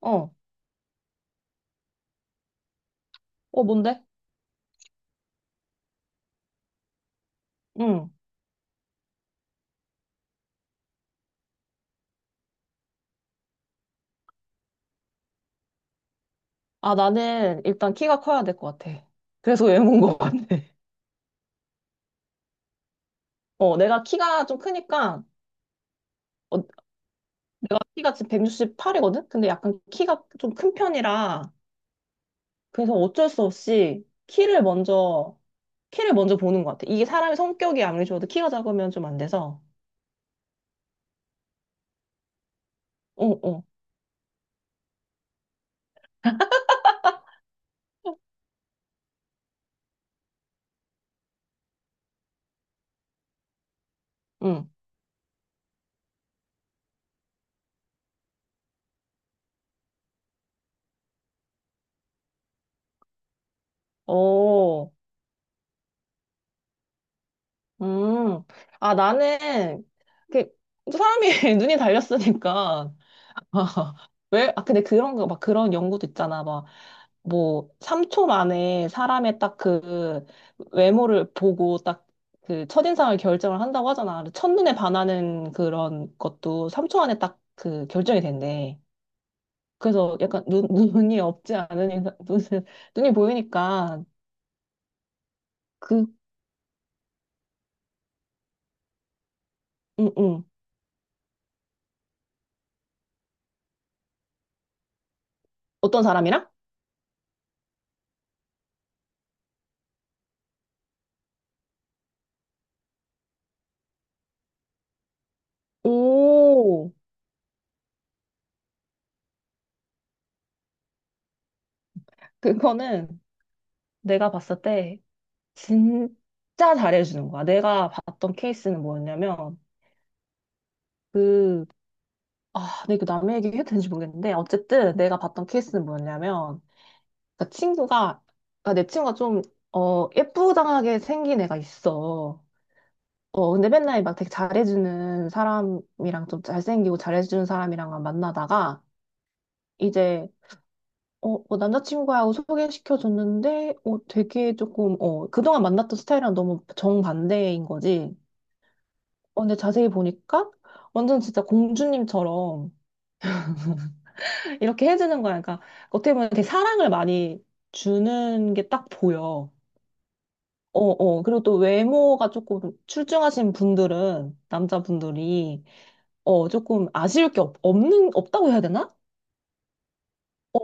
어, 뭔데? 응. 아, 나는 일단 키가 커야 될 것 같아. 그래서 외모인 것 같아. 내가 키가 좀 크니까, 어, 내가 키가 지금 168이거든? 근데 약간 키가 좀 큰 편이라, 그래서 어쩔 수 없이 키를 먼저, 키를 먼저 보는 것 같아. 이게 사람의 성격이 아무리 좋아도 키가 작으면 좀 안 돼서. 어, 어, 응. 어, 음. 아, 나는, 이렇게, 사람이 눈이 달렸으니까, 왜? 아, 근데 그런 거, 막 그런 연구도 있잖아. 막, 뭐, 3초 만에 사람의 딱 그 외모를 보고 딱 그 첫인상을 결정을 한다고 하잖아. 근데 첫눈에 반하는 그런 것도 3초 안에 딱 그 결정이 된대. 그래서 약간 눈, 눈이 없지 않은 인상, 눈, 눈이 보이니까 그, 응, 응. 어떤 사람이랑? 오, 그거는 내가 봤을 때 진짜 잘해주는 거야. 내가 봤던 케이스는 뭐였냐면, 그, 아, 근데 이거 남의 얘기 해도 되는지 모르겠는데, 어쨌든 내가 봤던 케이스는 뭐였냐면, 그 친구가, 아, 내 친구가 좀, 예쁘장하게 생긴 애가 있어. 근데 맨날 막 되게 잘해주는 사람이랑 좀 잘생기고 잘해주는 사람이랑만 만나다가, 이제, 어, 뭐 남자친구하고 소개시켜줬는데, 어, 되게 조금, 어, 그동안 만났던 스타일이랑 너무 정반대인 거지. 근데 자세히 보니까, 완전 진짜 공주님처럼, 이렇게 해주는 거야. 그러니까 어떻게 보면 되게 사랑을 많이 주는 게 딱 보여. 어, 어. 그리고 또 외모가 조금 출중하신 분들은, 남자분들이, 어, 조금 아쉬울 게 없, 없는, 없다고 해야 되나? 어,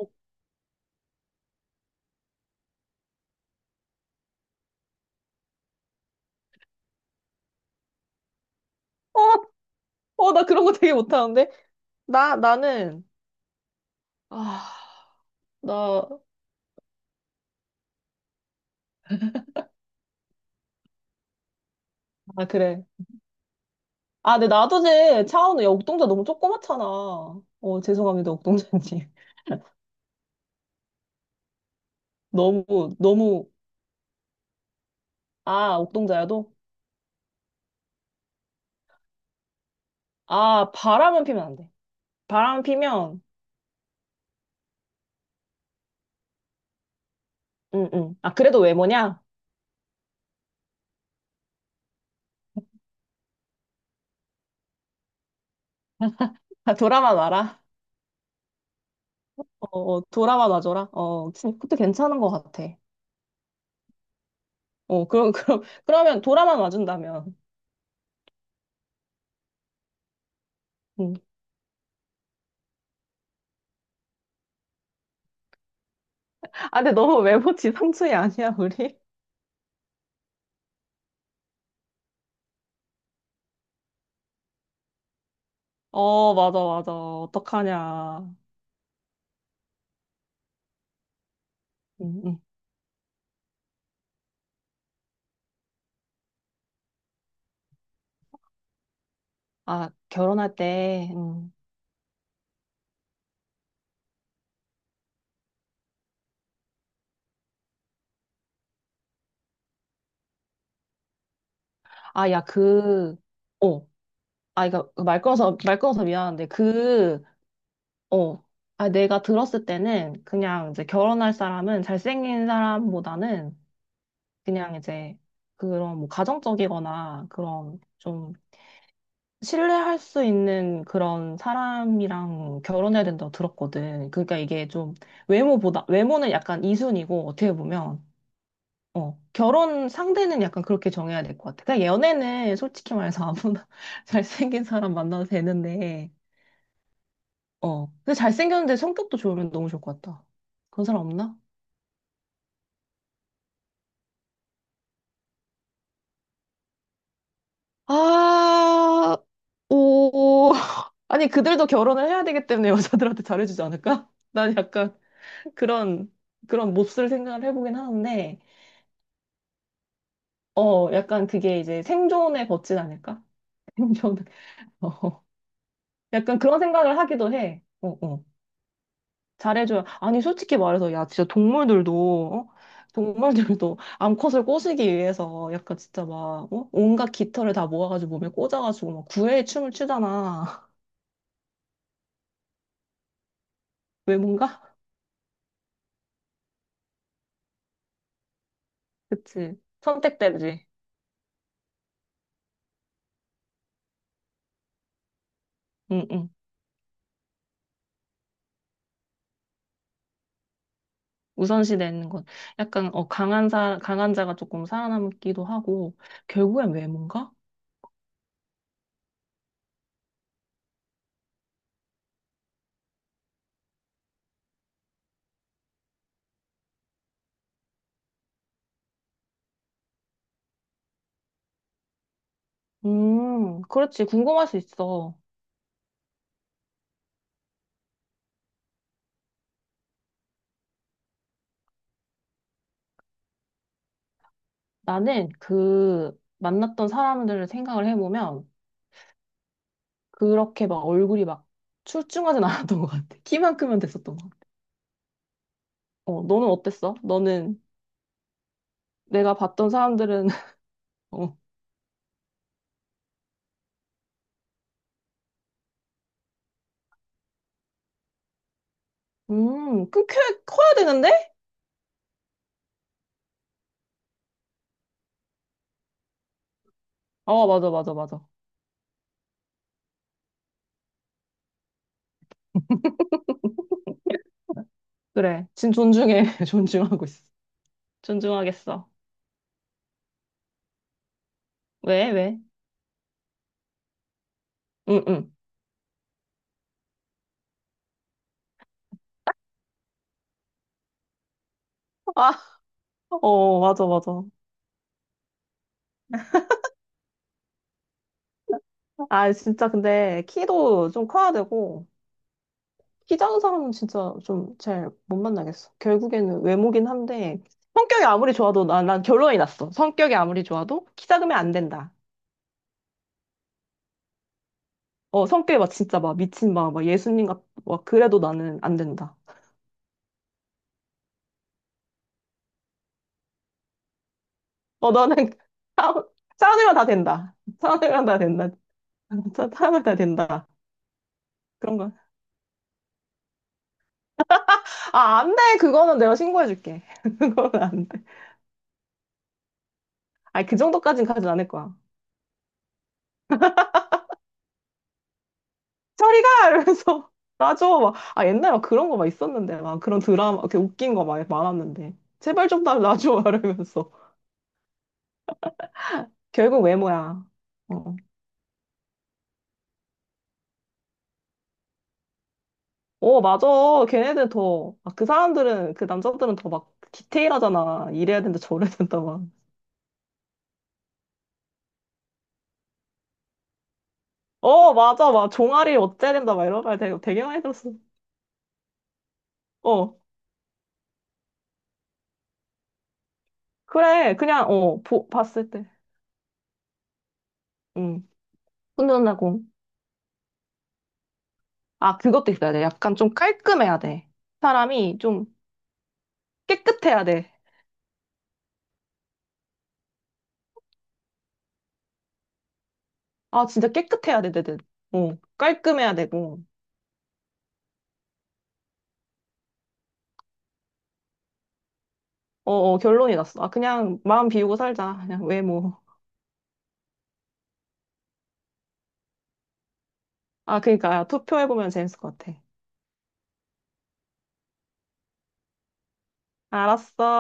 어, 어, 나 그런 거 되게 못하는데? 나는, 아, 나, 아, 그래. 아, 근데 나도 제 차은우, 야, 옥동자 너무 조그맣잖아. 어, 죄송합니다, 옥동자님. 너무, 너무, 아, 옥동자야도? 아, 바람은 피면 안 돼. 바람 피면, 응, 응. 아, 그래도 외모냐? 아, 돌아만 와라. 돌아만 와줘라. 어, 진- 그것도 괜찮은 것 같아. 어, 그럼, 그럼, 그러면 돌아만 와준다면. 응. 아, 근데 너무 외모 지상주의 아니야, 우리? 어, 맞아, 맞아. 어떡하냐. 응, 응. 아, 결혼할 때, 아, 야, 그, 어, 아, 이거 말 끊어서, 말 끊어서 미안한데, 그, 어. 아, 내가 들었을 때는 그냥 이제 결혼할 사람은 잘생긴 사람보다는 그냥 이제 그런 뭐 가정적이거나 그런 좀 신뢰할 수 있는 그런 사람이랑 결혼해야 된다고 들었거든. 그러니까 이게 좀 외모보다, 외모는 약간 이순이고 어떻게 보면, 어, 결혼 상대는 약간 그렇게 정해야 될 것 같아. 그냥 연애는 솔직히 말해서 아무나 잘생긴 사람 만나도 되는데, 어. 근데 잘생겼는데 성격도 좋으면 너무 좋을 것 같다. 그런 사람 없나? 아, 오, 아니, 그들도 결혼을 해야 되기 때문에 여자들한테 잘해주지 않을까? 난 약간 그런, 그런 몹쓸 생각을 해보긴 하는데, 어, 약간 그게 이제 생존에 걷진 않을까? 생존, 어, 약간 그런 생각을 하기도 해. 어, 어. 잘해줘야. 아니, 솔직히 말해서, 야, 진짜 동물들도, 어? 동물들도 암컷을 꼬시기 위해서 약간 진짜 막, 어? 온갖 깃털을 다 모아가지고 몸에 꽂아가지고 막 구애의 춤을 추잖아. 왜 뭔가? 그치. 선택되지. 응응. 우선시 되는 건 약간 강한 사 강한 자가 조금 살아남기도 하고 결국엔 외모인가? 그렇지. 궁금할 수 있어. 나는 그 만났던 사람들을 생각을 해보면 그렇게 막 얼굴이 막 출중하진 않았던 것 같아. 키만 크면 됐었던 것 같아. 어, 너는 어땠어? 너는 내가 봤던 사람들은 어, 큰 커야, 커야 되는데? 어, 맞아, 맞아, 맞아. 그래. 진 존중해. 존중하고 있어. 존중하겠어. 왜? 왜? 응, 응. 아 어, 맞아, 맞아. 아, 진짜 근데 키도 좀 커야 되고, 키 작은 사람은 진짜 좀 잘 못 만나겠어. 결국에는 외모긴 한데, 성격이 아무리 좋아도 난 결론이 났어. 성격이 아무리 좋아도 키 작으면 안 된다. 어, 성격이 막 진짜 막 미친 막, 막 예수님 같, 막 그래도 나는 안 된다. 어, 나는 사- 사람이면 다 된다. 사람이면 다 된다. 진짜 사람이면 다 된다. 그런 거. 아, 안 돼. 그거는 내가 신고해줄게. 그거는 안 돼. 아니, 그 정도까진 가진 않을 거야. 저리가! 이러면서 놔줘. 막, 아, 옛날에 막 그런 거 막 있었는데, 막 그런 드라마, 이렇게 웃긴 거 막 많았는데. 제발 좀 나 놔줘. 막 이러면서. 결국 외모야. 어, 어, 맞아. 걔네들 더, 아, 그 사람들은, 그 남자들은 더 막 디테일하잖아. 이래야 된다, 저래야 된다, 막. 어, 맞아. 막 종아리 어째야 된다, 막 이런 말 되게, 되게 많이 들었어. 어, 그래. 그냥, 어, 보, 봤을 때. 응. 훈련하고. 아, 그것도 있어야 돼. 약간 좀 깔끔해야 돼. 사람이 좀 깨끗해야 돼. 아, 진짜 깨끗해야 돼, 내. 어, 깔끔해야 되고. 어, 어, 결론이 났어. 아, 그냥 마음 비우고 살자. 그냥 왜 뭐. 아, 그러니까 야, 투표해보면 재밌을 것 같아. 알았어.